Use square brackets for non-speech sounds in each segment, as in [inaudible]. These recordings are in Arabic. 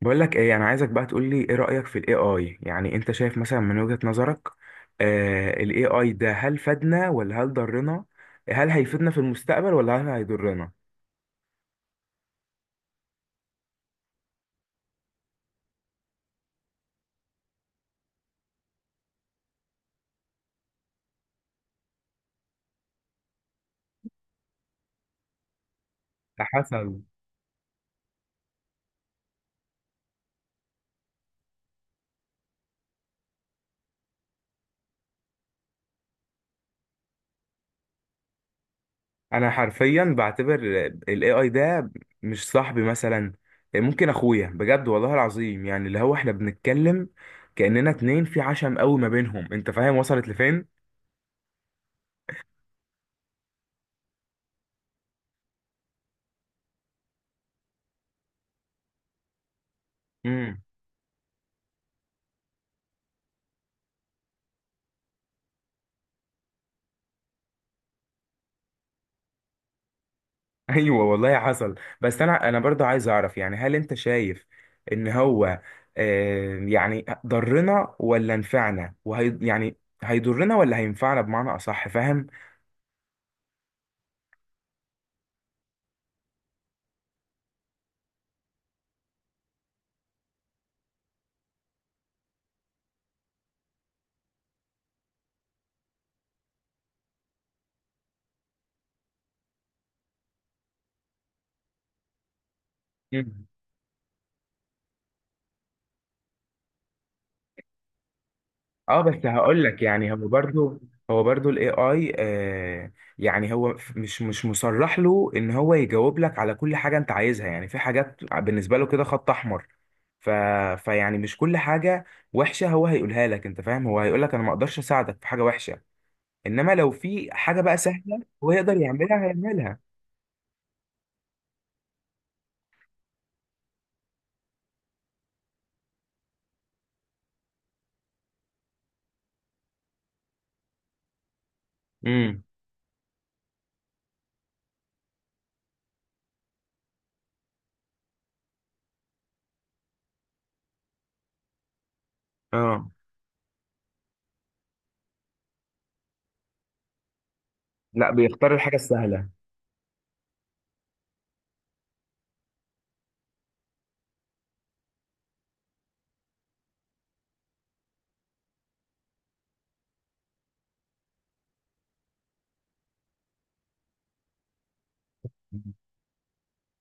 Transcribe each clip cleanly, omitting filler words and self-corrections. بقول لك ايه، انا عايزك بقى تقول لي ايه رأيك في الاي اي. يعني انت شايف مثلا من وجهة نظرك آه الاي اي ده هل فادنا ولا هل ضرنا؟ هل هيفيدنا في المستقبل ولا هل هيضرنا؟ على حسب. انا حرفيا بعتبر الاي اي ده مش صاحبي، مثلا ممكن اخويا بجد والله العظيم. يعني اللي هو احنا بنتكلم كأننا اتنين في عشم قوي ما بينهم، انت فاهم وصلت لفين؟ [laughs] ايوه والله حصل. بس انا برضه عايز اعرف، يعني هل انت شايف ان هو يعني ضرنا ولا نفعنا، وهي يعني هيضرنا ولا هينفعنا بمعنى اصح، فاهم؟ مم. اه، بس هقول لك يعني هو برضه، هو برضه الاي اي يعني هو مش مصرح له ان هو يجاوب لك على كل حاجه انت عايزها. يعني في حاجات بالنسبه له كده خط احمر، ف... فيعني مش كل حاجه وحشه هو هيقولها لك، انت فاهم؟ هو هيقول لك انا ما اقدرش اساعدك في حاجه وحشه، انما لو في حاجه بقى سهله هو يقدر يعملها هيعملها. امم. اه، لا بيختار الحاجه السهله.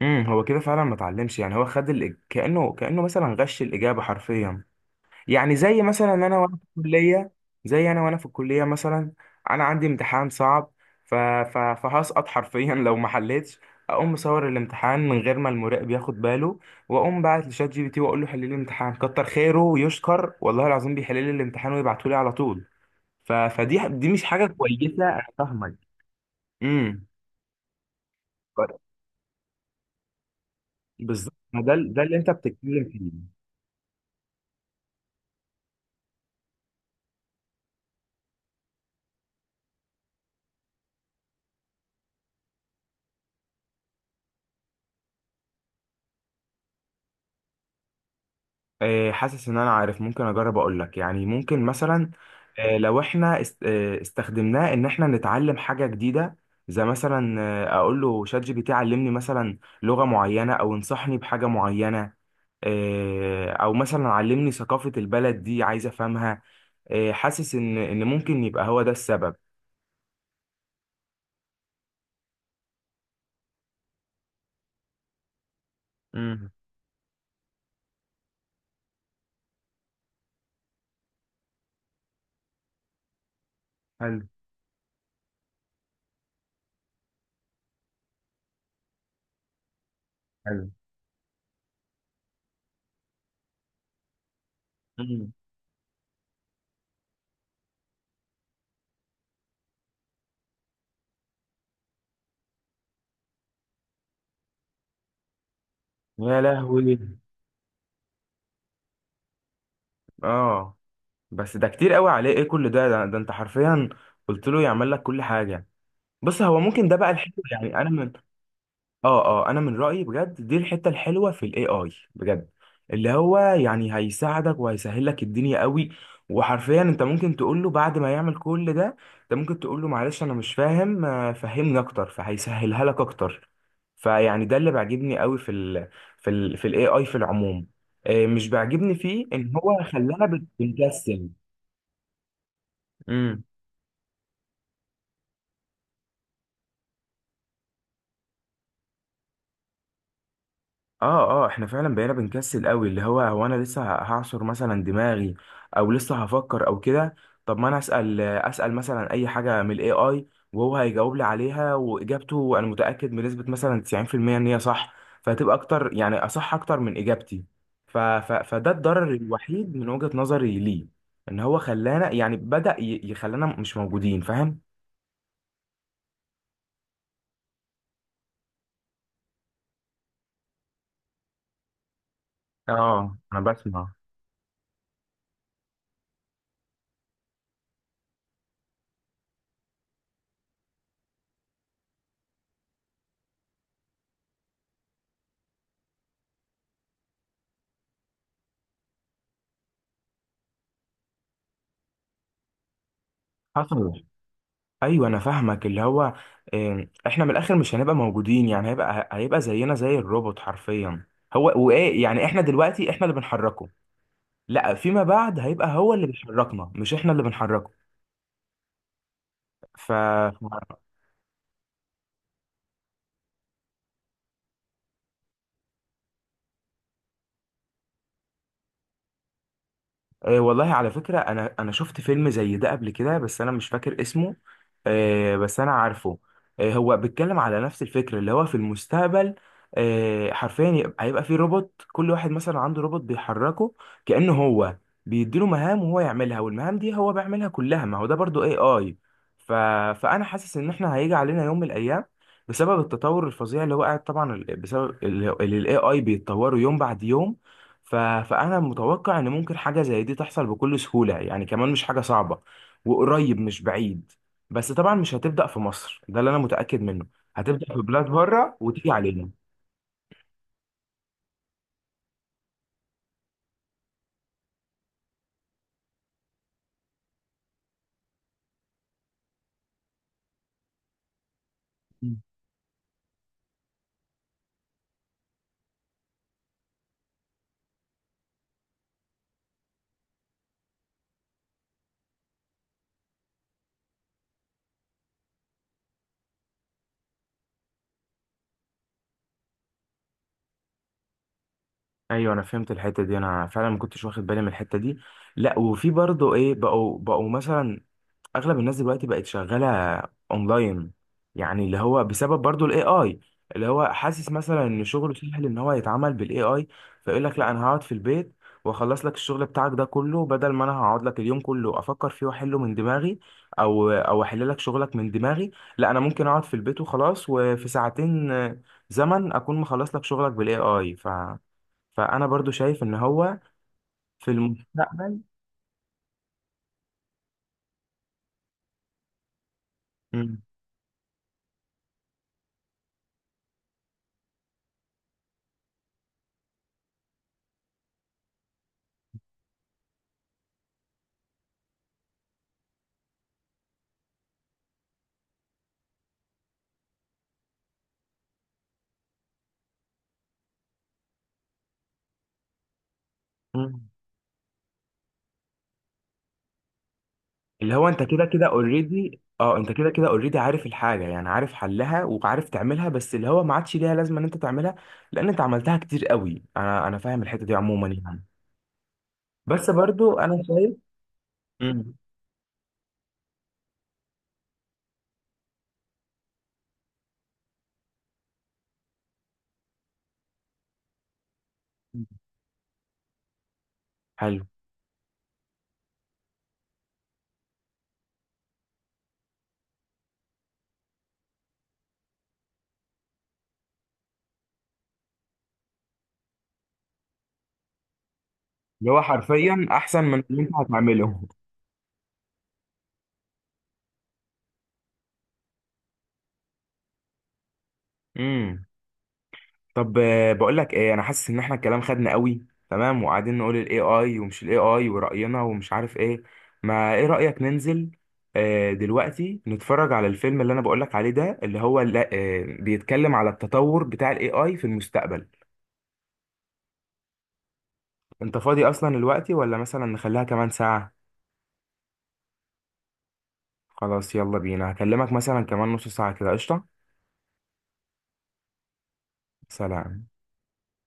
امم، هو كده فعلا ما اتعلمش. يعني هو خد كانه، كانه مثلا غش الاجابه حرفيا. يعني زي مثلا انا وانا في الكليه، زي انا وانا في الكليه مثلا. انا عندي امتحان صعب، فهسقط حرفيا لو ما حلتش. اقوم مصور الامتحان من غير ما المراقب ياخد باله، واقوم باعت لشات جي بي تي واقول له حل لي الامتحان، كتر خيره ويشكر والله العظيم بيحل لي الامتحان ويبعته لي على طول. فدي مش حاجه كويسه، انا فاهمك. امم. بالظبط، ما ده ده اللي انت بتتكلم فيه. حاسس ان انا عارف، ممكن اجرب اقول لك يعني، ممكن مثلا لو احنا استخدمناه ان احنا نتعلم حاجه جديده. زي مثلا اقول له شات جي بي تي علمني مثلا لغه معينه، او انصحني بحاجه معينه، او مثلا علمني ثقافه البلد دي عايز افهمها. حاسس ان ان ممكن يبقى هو ده السبب. امم. حلو. حلو. يا لهوي. اه، بس ده كتير قوي عليه، ايه كل ده؟ ده انت حرفيا قلت له يعمل لك كل حاجه. بص، هو ممكن ده بقى الحلو، يعني انا من، اه اه، انا من رايي بجد دي الحته الحلوه في الاي اي بجد. اللي هو يعني هيساعدك وهيسهل لك الدنيا قوي. وحرفيا انت ممكن تقول له بعد ما يعمل كل ده، انت ممكن تقول له معلش انا مش فاهم، فهمني اكتر، فهيسهلها لك اكتر. فيعني ده اللي بيعجبني قوي في الاي اي في العموم. مش بيعجبني فيه ان هو خلانا بنكسل. اه اه، احنا فعلا بقينا بنكسل قوي. اللي هو هو انا لسه هعصر مثلا دماغي، او لسه هفكر او كده. طب ما انا اسال، اسال مثلا اي حاجه من الاي اي، وهو هيجاوب لي عليها، واجابته انا متاكد بنسبه مثلا 90% ان هي صح. فهتبقى اكتر يعني اصح اكتر من اجابتي. ف ف فده الضرر الوحيد من وجهه نظري ليه، ان هو خلانا يعني بدا يخلانا مش موجودين، فاهم؟ اه انا بسمع. حصل. ايوه انا فاهمك، اللي هو احنا من الاخر مش هنبقى موجودين. يعني هيبقى، هيبقى زينا زي الروبوت حرفيا. هو وايه؟ يعني احنا دلوقتي احنا اللي بنحركه، لا فيما بعد هيبقى هو اللي بيحركنا مش احنا اللي بنحركه. ف، آه والله على فكرة أنا شفت فيلم زي ده قبل كده بس أنا مش فاكر اسمه، آه بس أنا عارفه. آه، هو بيتكلم على نفس الفكرة، اللي هو في المستقبل آه حرفيا هيبقى فيه روبوت، كل واحد مثلا عنده روبوت بيحركه كأنه هو بيديله مهام وهو يعملها، والمهام دي هو بيعملها كلها، ما هو ده برضو اي اي. ف... فأنا حاسس إن إحنا هيجي علينا يوم من الأيام بسبب التطور الفظيع اللي هو قاعد، طبعا بسبب اللي الاي اي بيتطوروا يوم بعد يوم. ف... فانا متوقع ان ممكن حاجه زي دي تحصل بكل سهوله يعني، كمان مش حاجه صعبه وقريب مش بعيد. بس طبعا مش هتبدا في مصر، ده اللي انا متاكد منه، هتبدا في بلاد بره وتيجي علينا. مم. ايوه انا فهمت الحته دي، انا فعلا ما كنتش واخد بالي من الحته دي. لا، وفي برضه ايه، بقوا مثلا اغلب الناس دلوقتي بقت شغاله اونلاين. يعني اللي هو بسبب برضو الاي اي، اللي هو حاسس مثلا ان شغله سهل ان هو يتعمل بالاي اي، فيقول لك لا انا هقعد في البيت واخلص لك الشغل بتاعك ده كله، بدل ما انا هقعد لك اليوم كله افكر فيه واحله من دماغي، او احل لك شغلك من دماغي، لا انا ممكن اقعد في البيت وخلاص، وفي ساعتين زمن اكون مخلص لك شغلك بالاي اي. فانا برضو شايف ان هو في المستقبل. مم. مم. اللي هو انت كده كده اوريدي، اه انت كده كده اوريدي، عارف الحاجه يعني، عارف حلها وعارف تعملها، بس اللي هو ما عادش ليها لازمه ان انت تعملها، لان انت عملتها كتير قوي. انا فاهم الحته دي عموما يعني. بس برضو انا شايف. مم. حلو. اللي هو حرفيا احسن من اللي انت هتعمله. امم. طب بقول لك ايه، انا حاسس ان احنا الكلام خدنا قوي تمام، وقاعدين نقول الاي اي ومش الاي اي ورأينا ومش عارف ايه، ما ايه رأيك ننزل دلوقتي نتفرج على الفيلم اللي انا بقول لك عليه ده، اللي هو لا بيتكلم على التطور بتاع الاي اي في المستقبل. انت فاضي اصلا دلوقتي ولا مثلا نخليها كمان ساعة؟ خلاص يلا بينا، هكلمك مثلا كمان نص ساعة كده، قشطة. سلام.